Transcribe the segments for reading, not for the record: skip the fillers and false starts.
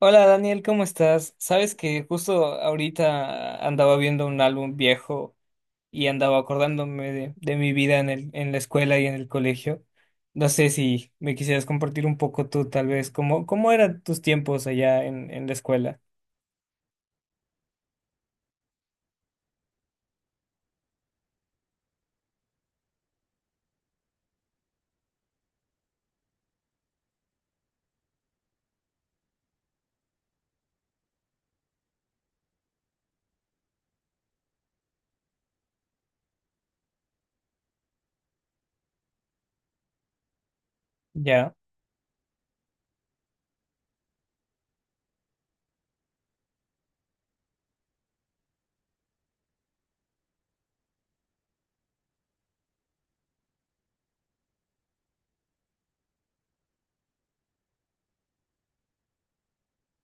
Hola Daniel, ¿cómo estás? Sabes que justo ahorita andaba viendo un álbum viejo y andaba acordándome de mi vida en la escuela y en el colegio. No sé si me quisieras compartir un poco tú, tal vez, cómo eran tus tiempos allá en la escuela. Ya.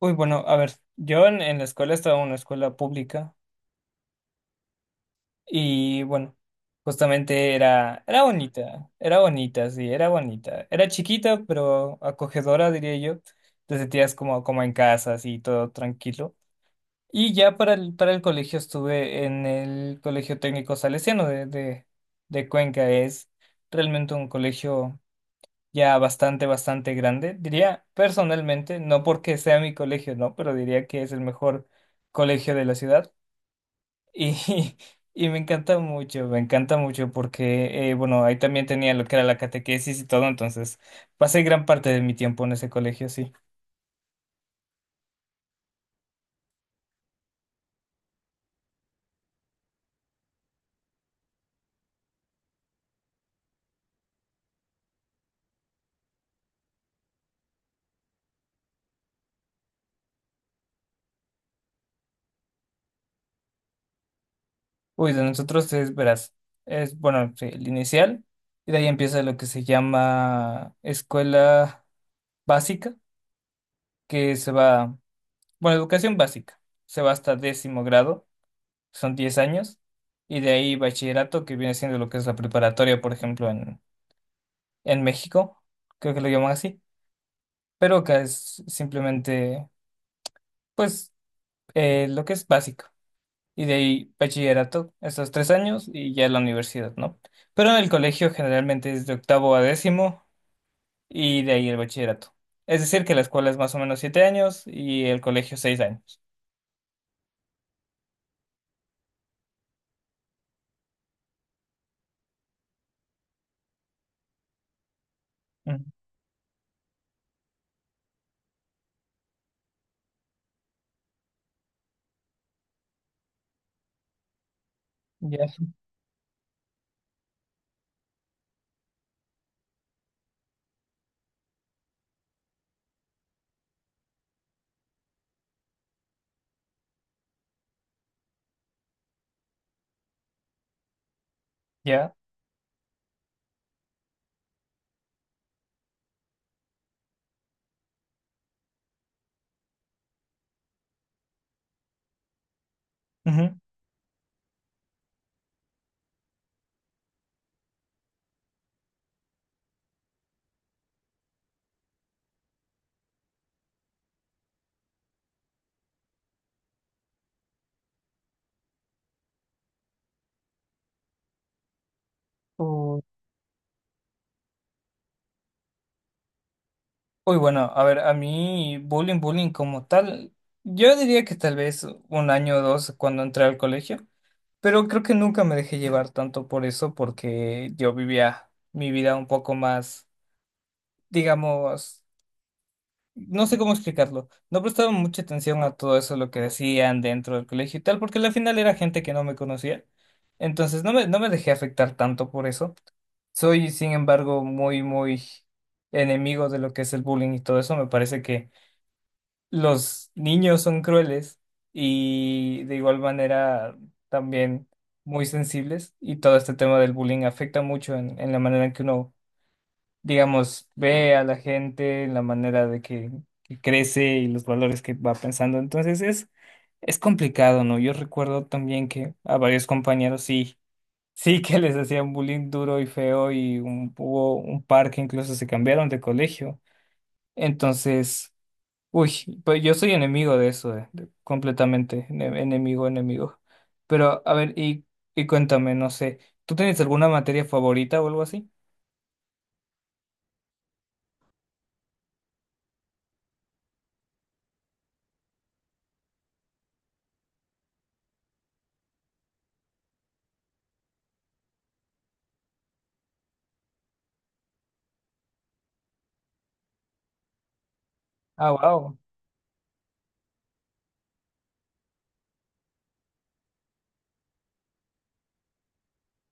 Uy, bueno, a ver, yo en la escuela estaba en una escuela pública. Y bueno, justamente era bonita, era bonita, sí, era bonita. Era chiquita, pero acogedora, diría yo. Te sentías como en casa, así, todo tranquilo. Y ya para el colegio estuve en el Colegio Técnico Salesiano de Cuenca. Es realmente un colegio ya bastante grande. Diría personalmente, no porque sea mi colegio, no, pero diría que es el mejor colegio de la ciudad. Y, y me encanta mucho porque, bueno, ahí también tenía lo que era la catequesis y todo, entonces pasé gran parte de mi tiempo en ese colegio, sí. Uy, de nosotros es, verás, es, bueno, sí, el inicial, y de ahí empieza lo que se llama escuela básica, que se va, bueno, educación básica, se va hasta décimo grado, son 10 años, y de ahí bachillerato, que viene siendo lo que es la preparatoria, por ejemplo, en México, creo que lo llaman así, pero acá es simplemente, pues, lo que es básico. Y de ahí bachillerato, esos 3 años y ya la universidad, ¿no? Pero en el colegio generalmente es de octavo a décimo y de ahí el bachillerato. Es decir, que la escuela es más o menos 7 años y el colegio 6 años. Ujú. Ya, ya. Ujú. Uy, uy, bueno, a ver, a mí bullying, bullying como tal, yo diría que tal vez un año o dos cuando entré al colegio. Pero creo que nunca me dejé llevar tanto por eso porque yo vivía mi vida un poco más, digamos. No sé cómo explicarlo. No prestaba mucha atención a todo eso, lo que decían dentro del colegio y tal, porque al final era gente que no me conocía. Entonces no me dejé afectar tanto por eso. Soy, sin embargo, muy, muy enemigo de lo que es el bullying y todo eso. Me parece que los niños son crueles y de igual manera también muy sensibles, y todo este tema del bullying afecta mucho en la manera en que uno, digamos, ve a la gente, en la manera de que crece y los valores que va pensando. Entonces es complicado, ¿no? Yo recuerdo también que a varios compañeros sí. Sí que les hacían bullying duro y feo, y hubo un par que incluso se cambiaron de colegio. Entonces, uy, pues yo soy enemigo de eso, completamente, enemigo, enemigo. Pero, a ver, y cuéntame, no sé, ¿tú tienes alguna materia favorita o algo así? Ah, wow.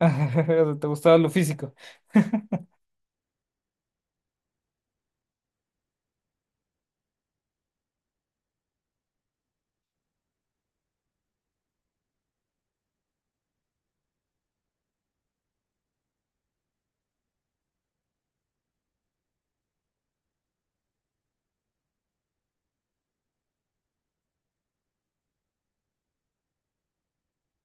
¿Te gustaba lo físico?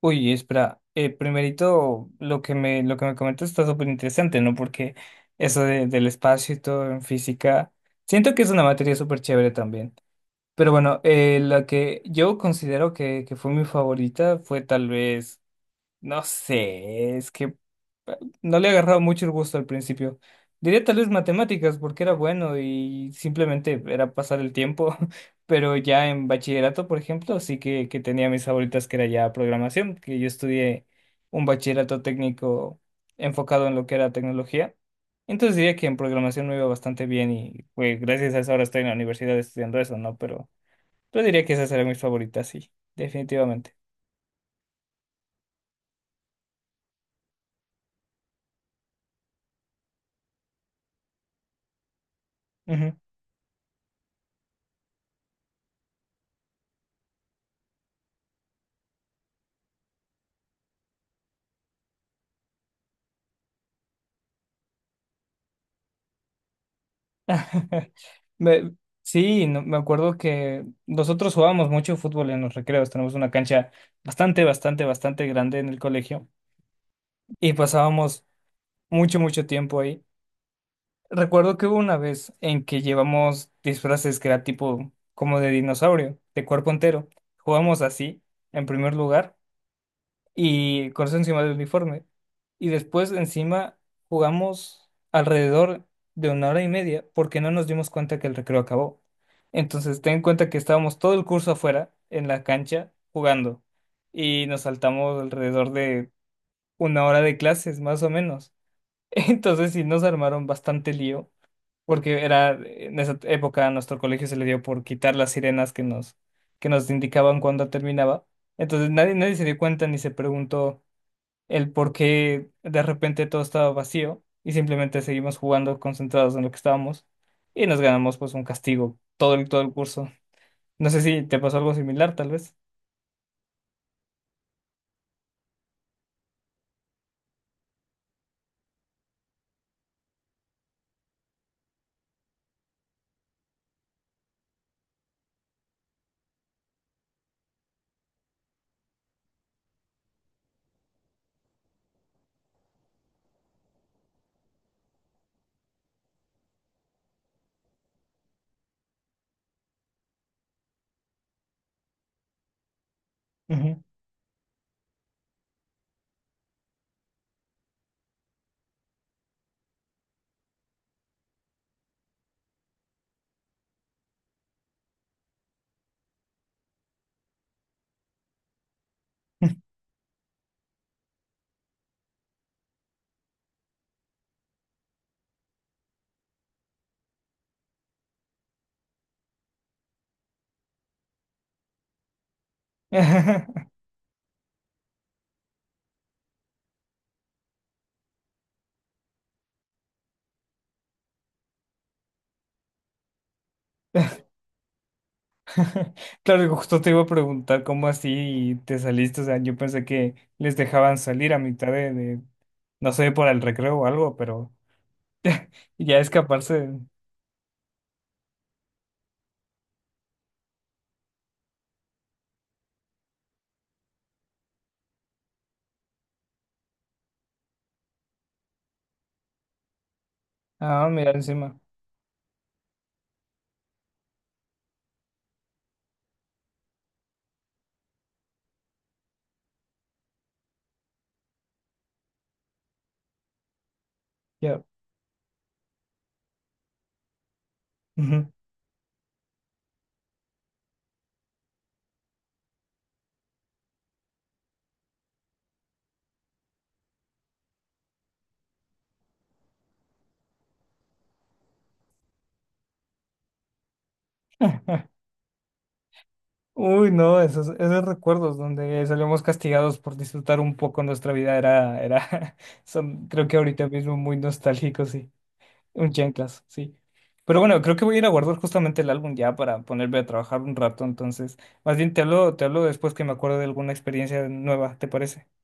Uy, espera, primerito, lo que me comentas está súper interesante, ¿no? Porque eso del espacio y todo en física, siento que es una materia súper chévere también. Pero bueno, la que yo considero que fue mi favorita fue tal vez. No sé, es que no le agarraba mucho el gusto al principio. Diría tal vez matemáticas, porque era bueno y simplemente era pasar el tiempo, pero ya en bachillerato, por ejemplo, sí que tenía mis favoritas, que era ya programación, que yo estudié un bachillerato técnico enfocado en lo que era tecnología. Entonces diría que en programación me iba bastante bien y pues gracias a eso ahora estoy en la universidad estudiando eso, ¿no? Pero diría que esas eran mis favoritas, sí, definitivamente. Me- sí, me acuerdo que nosotros jugábamos mucho fútbol en los recreos. Tenemos una cancha bastante, bastante, bastante grande en el colegio y pasábamos mucho, mucho tiempo ahí. Recuerdo que hubo una vez en que llevamos disfraces que era tipo como de dinosaurio, de cuerpo entero. Jugamos así, en primer lugar y con eso encima del uniforme. Y después encima jugamos alrededor de 1 hora y media porque no nos dimos cuenta que el recreo acabó. Entonces ten en cuenta que estábamos todo el curso afuera, en la cancha, jugando. Y nos saltamos alrededor de 1 hora de clases, más o menos. Entonces sí nos armaron bastante lío, porque era, en esa época a nuestro colegio se le dio por quitar las sirenas que nos indicaban cuándo terminaba. Entonces nadie se dio cuenta ni se preguntó el por qué de repente todo estaba vacío, y simplemente seguimos jugando concentrados en lo que estábamos y nos ganamos pues un castigo todo el curso. No sé si te pasó algo similar, tal vez. Ujú. Claro, y justo te iba a preguntar cómo así te saliste. O sea, yo pensé que les dejaban salir a mitad de no sé, por el recreo o algo, pero ya escaparse. Ah, mira, encima. Ya. Ujú. Uy, no, esos recuerdos donde salíamos castigados por disfrutar un poco nuestra vida son, creo que ahorita mismo muy nostálgicos, sí. Un chanclas, sí. Pero bueno, creo que voy a ir a guardar justamente el álbum ya para ponerme a trabajar un rato, entonces más bien te hablo después, que me acuerdo de alguna experiencia nueva, ¿te parece?